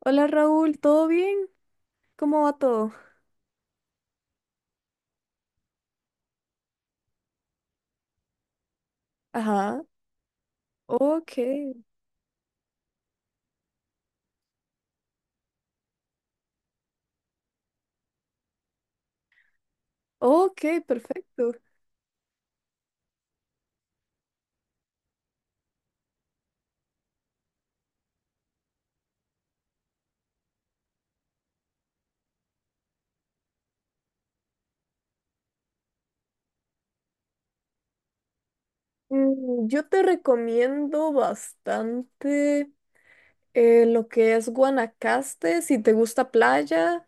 Hola Raúl, ¿todo bien? ¿Cómo va todo? Ajá, ok, ok, perfecto. Yo te recomiendo bastante lo que es Guanacaste, si te gusta playa.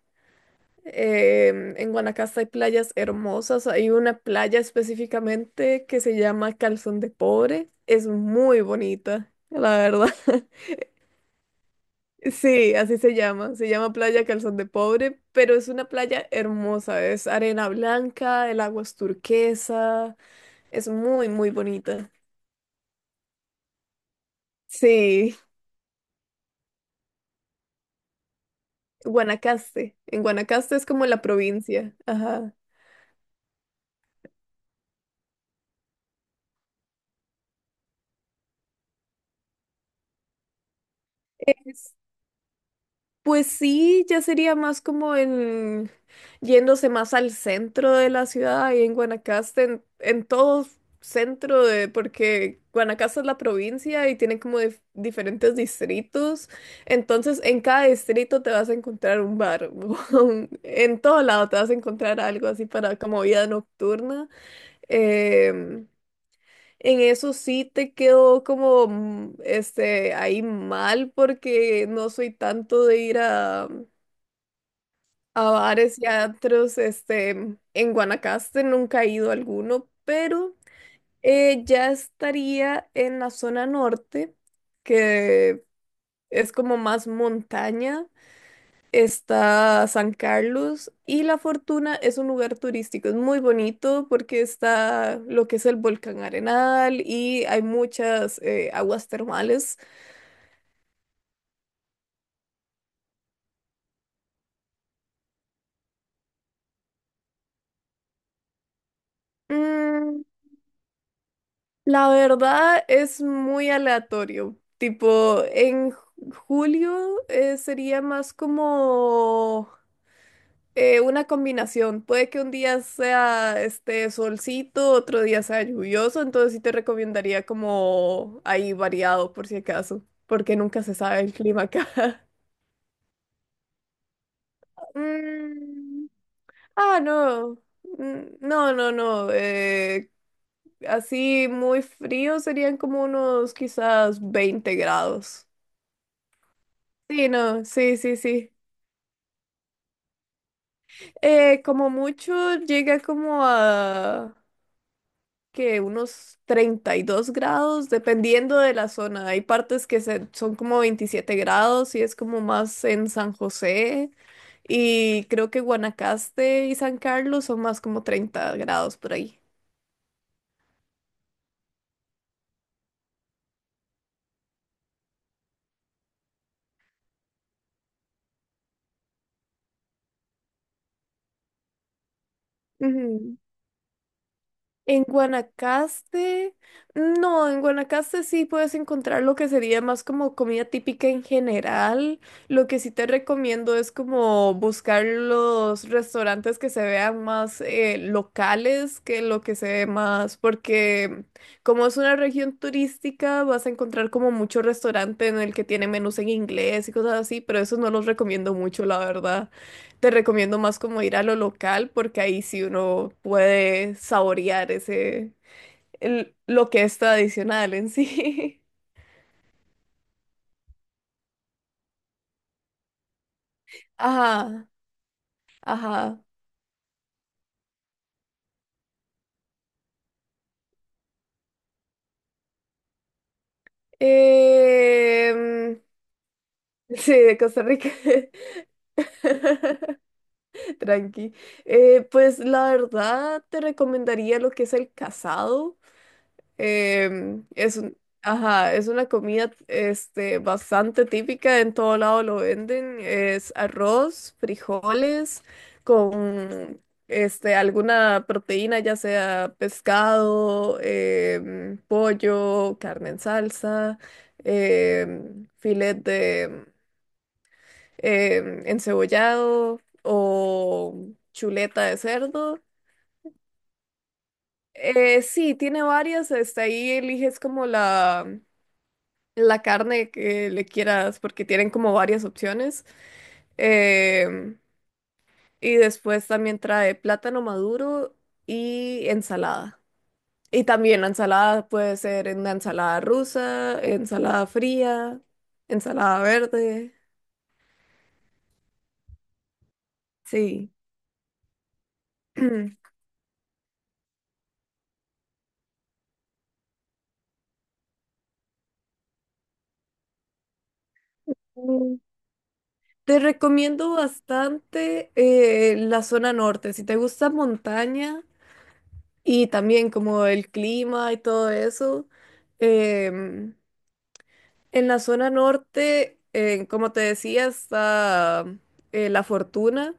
En Guanacaste hay playas hermosas, hay una playa específicamente que se llama Calzón de Pobre, es muy bonita, la verdad. Sí, así se llama. Se llama Playa Calzón de Pobre, pero es una playa hermosa. Es arena blanca, el agua es turquesa, es muy, muy bonita. Sí, Guanacaste. En Guanacaste es como la provincia. Ajá. Pues sí, ya sería más como en yéndose más al centro de la ciudad y en Guanacaste, en todo centro de, porque Guanacaste es la provincia y tiene como diferentes distritos. Entonces, en cada distrito te vas a encontrar un bar, en todo lado te vas a encontrar algo así para como vida nocturna. Em, en eso sí te quedó como este ahí mal porque no soy tanto de ir a bares y a antros, este, en Guanacaste nunca he ido a alguno, pero ya estaría en la zona norte, que es como más montaña. Está San Carlos y La Fortuna es un lugar turístico, es muy bonito porque está lo que es el volcán Arenal y hay muchas aguas termales. Mm, La verdad es muy aleatorio. Tipo, en julio sería más como una combinación. Puede que un día sea este solcito, otro día sea lluvioso, entonces sí te recomendaría como ahí variado por si acaso, porque nunca se sabe el clima acá. Mm, ah, no. Mm, No, no, no. Así muy frío serían como unos quizás 20 grados. Sí, no, sí, sí, sí. Como mucho llega como a que unos 32 grados, dependiendo de la zona. Hay partes que son como 27 grados y es como más en San José. Y creo que Guanacaste y San Carlos son más como 30 grados por ahí. En Guanacaste, no, en Guanacaste sí puedes encontrar lo que sería más como comida típica en general. Lo que sí te recomiendo es como buscar los restaurantes que se vean más locales que lo que se ve más, porque como es una región turística, vas a encontrar como mucho restaurante en el que tiene menús en inglés y cosas así, pero eso no los recomiendo mucho, la verdad. Te recomiendo más como ir a lo local porque ahí sí uno puede saborear ese, lo que es tradicional en sí. Ajá, ajá. Em, sí, de Costa Rica, tranqui. Pues la verdad te recomendaría lo que es el casado. Em, es un- ajá, es una comida este, bastante típica, en todo lado lo venden. Es arroz, frijoles, con este, alguna proteína, ya sea pescado, pollo, carne en salsa, filet de encebollado o chuleta de cerdo. Sí, tiene varias, hasta ahí eliges como la carne que le quieras, porque tienen como varias opciones. Em, y después también trae plátano maduro y ensalada. Y también la ensalada puede ser en la ensalada rusa, ensalada fría, ensalada verde. Sí. Mm, Te recomiendo bastante la zona norte. Si te gusta montaña y también como el clima y todo eso, em, en la zona norte, como te decía, está La Fortuna,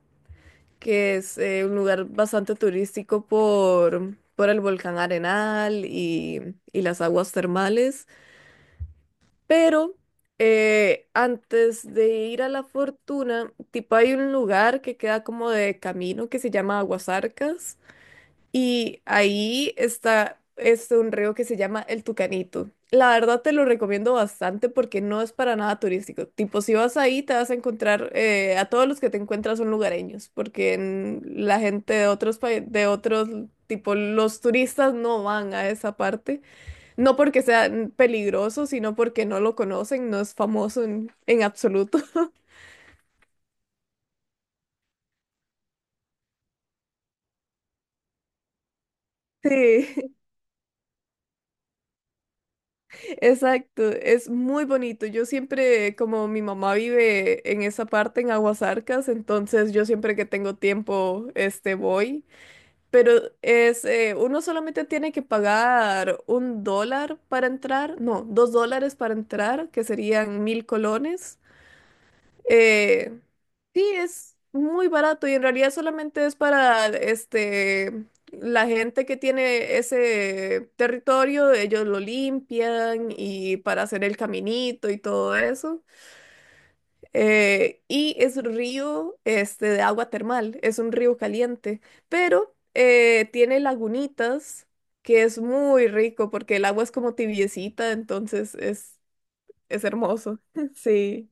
que es un lugar bastante turístico por el volcán Arenal y las aguas termales. Pero antes de ir a La Fortuna, tipo hay un lugar que queda como de camino que se llama Aguasarcas y ahí está este un río que se llama El Tucanito. La verdad te lo recomiendo bastante porque no es para nada turístico. Tipo, si vas ahí te vas a encontrar, a todos los que te encuentras son lugareños, porque la gente de otros países, de otros, tipo, los turistas no van a esa parte. No porque sea peligroso, sino porque no lo conocen, no es famoso en absoluto. Sí. Exacto, es muy bonito. Yo siempre, como mi mamá vive en esa parte, en Aguasarcas, entonces yo siempre que tengo tiempo, este, voy. Pero uno solamente tiene que pagar $1 para entrar, no, $2 para entrar, que serían 1.000 colones. Eh, sí, es muy barato y en realidad solamente es para este la gente que tiene ese territorio, ellos lo limpian y para hacer el caminito y todo eso. Y es río este de agua termal, es un río caliente, pero tiene lagunitas que es muy rico porque el agua es como tibiecita, entonces es hermoso. Sí.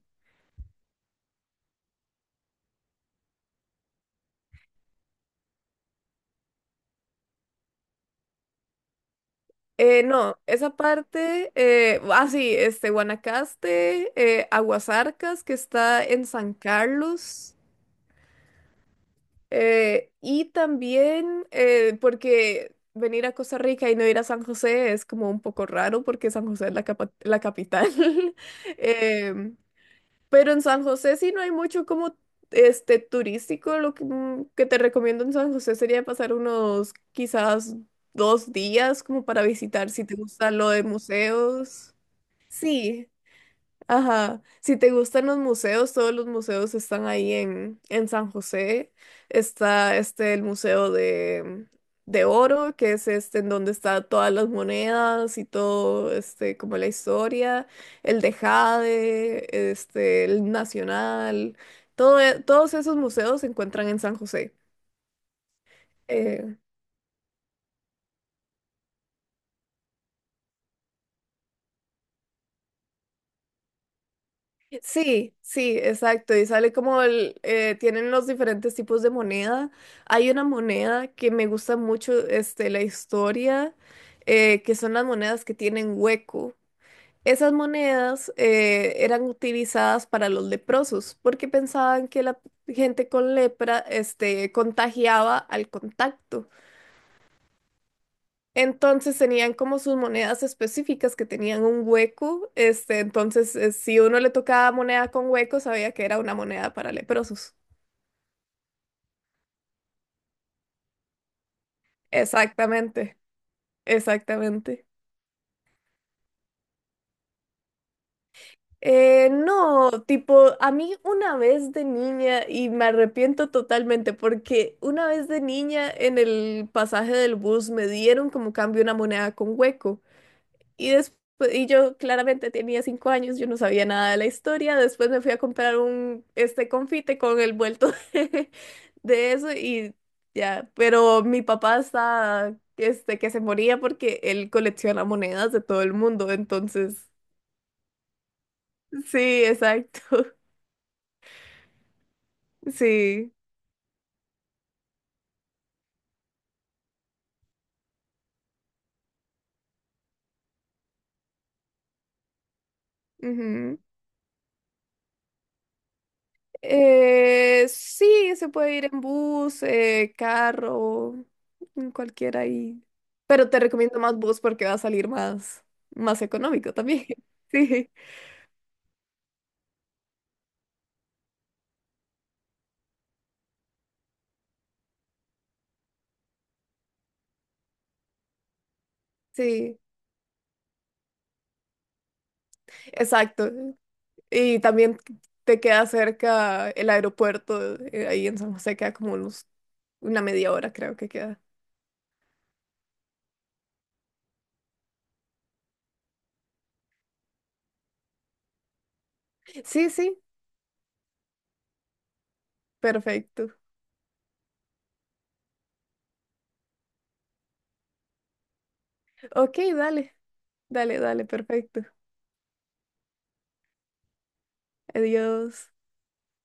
No, esa parte, ah, sí, este, Guanacaste, Aguasarcas, que está en San Carlos, y también, porque venir a Costa Rica y no ir a San José es como un poco raro, porque San José es la capital. Em, pero en San José sí no hay mucho como este turístico. Lo que te recomiendo en San José sería pasar unos quizás 2 días como para visitar si te gusta lo de museos. Sí, ajá, si te gustan los museos, todos los museos están ahí en San José. Está este el Museo de Oro, que es este en donde está todas las monedas y todo, este, como la historia, el de Jade, este, el Nacional, todo, todos esos museos se encuentran en San José. Eh, Sí, sí, exacto. Y sale como tienen los diferentes tipos de moneda. Hay una moneda que me gusta mucho, este, la historia, que son las monedas que tienen hueco. Esas monedas eran utilizadas para los leprosos porque pensaban que la gente con lepra, este, contagiaba al contacto. Entonces tenían como sus monedas específicas que tenían un hueco. Este, entonces, si uno le tocaba moneda con hueco, sabía que era una moneda para leprosos. Exactamente, exactamente. No, tipo, a mí una vez de niña, y me arrepiento totalmente, porque una vez de niña en el pasaje del bus me dieron como cambio una moneda con hueco. Y después, y yo claramente tenía 5 años, yo no sabía nada de la historia. Después me fui a comprar un este confite con el vuelto de eso y ya. Pero mi papá está este que se moría porque él colecciona monedas de todo el mundo. Entonces, sí, exacto. Sí. Ujú. Sí, se puede ir en bus, carro, en cualquiera ahí. Pero te recomiendo más bus porque va a salir más económico también. Sí, sí, exacto. Y también te queda cerca el aeropuerto, ahí en San José queda como una media hora creo que queda. Sí, sí, perfecto. Ok, dale, dale, dale, perfecto. Adiós.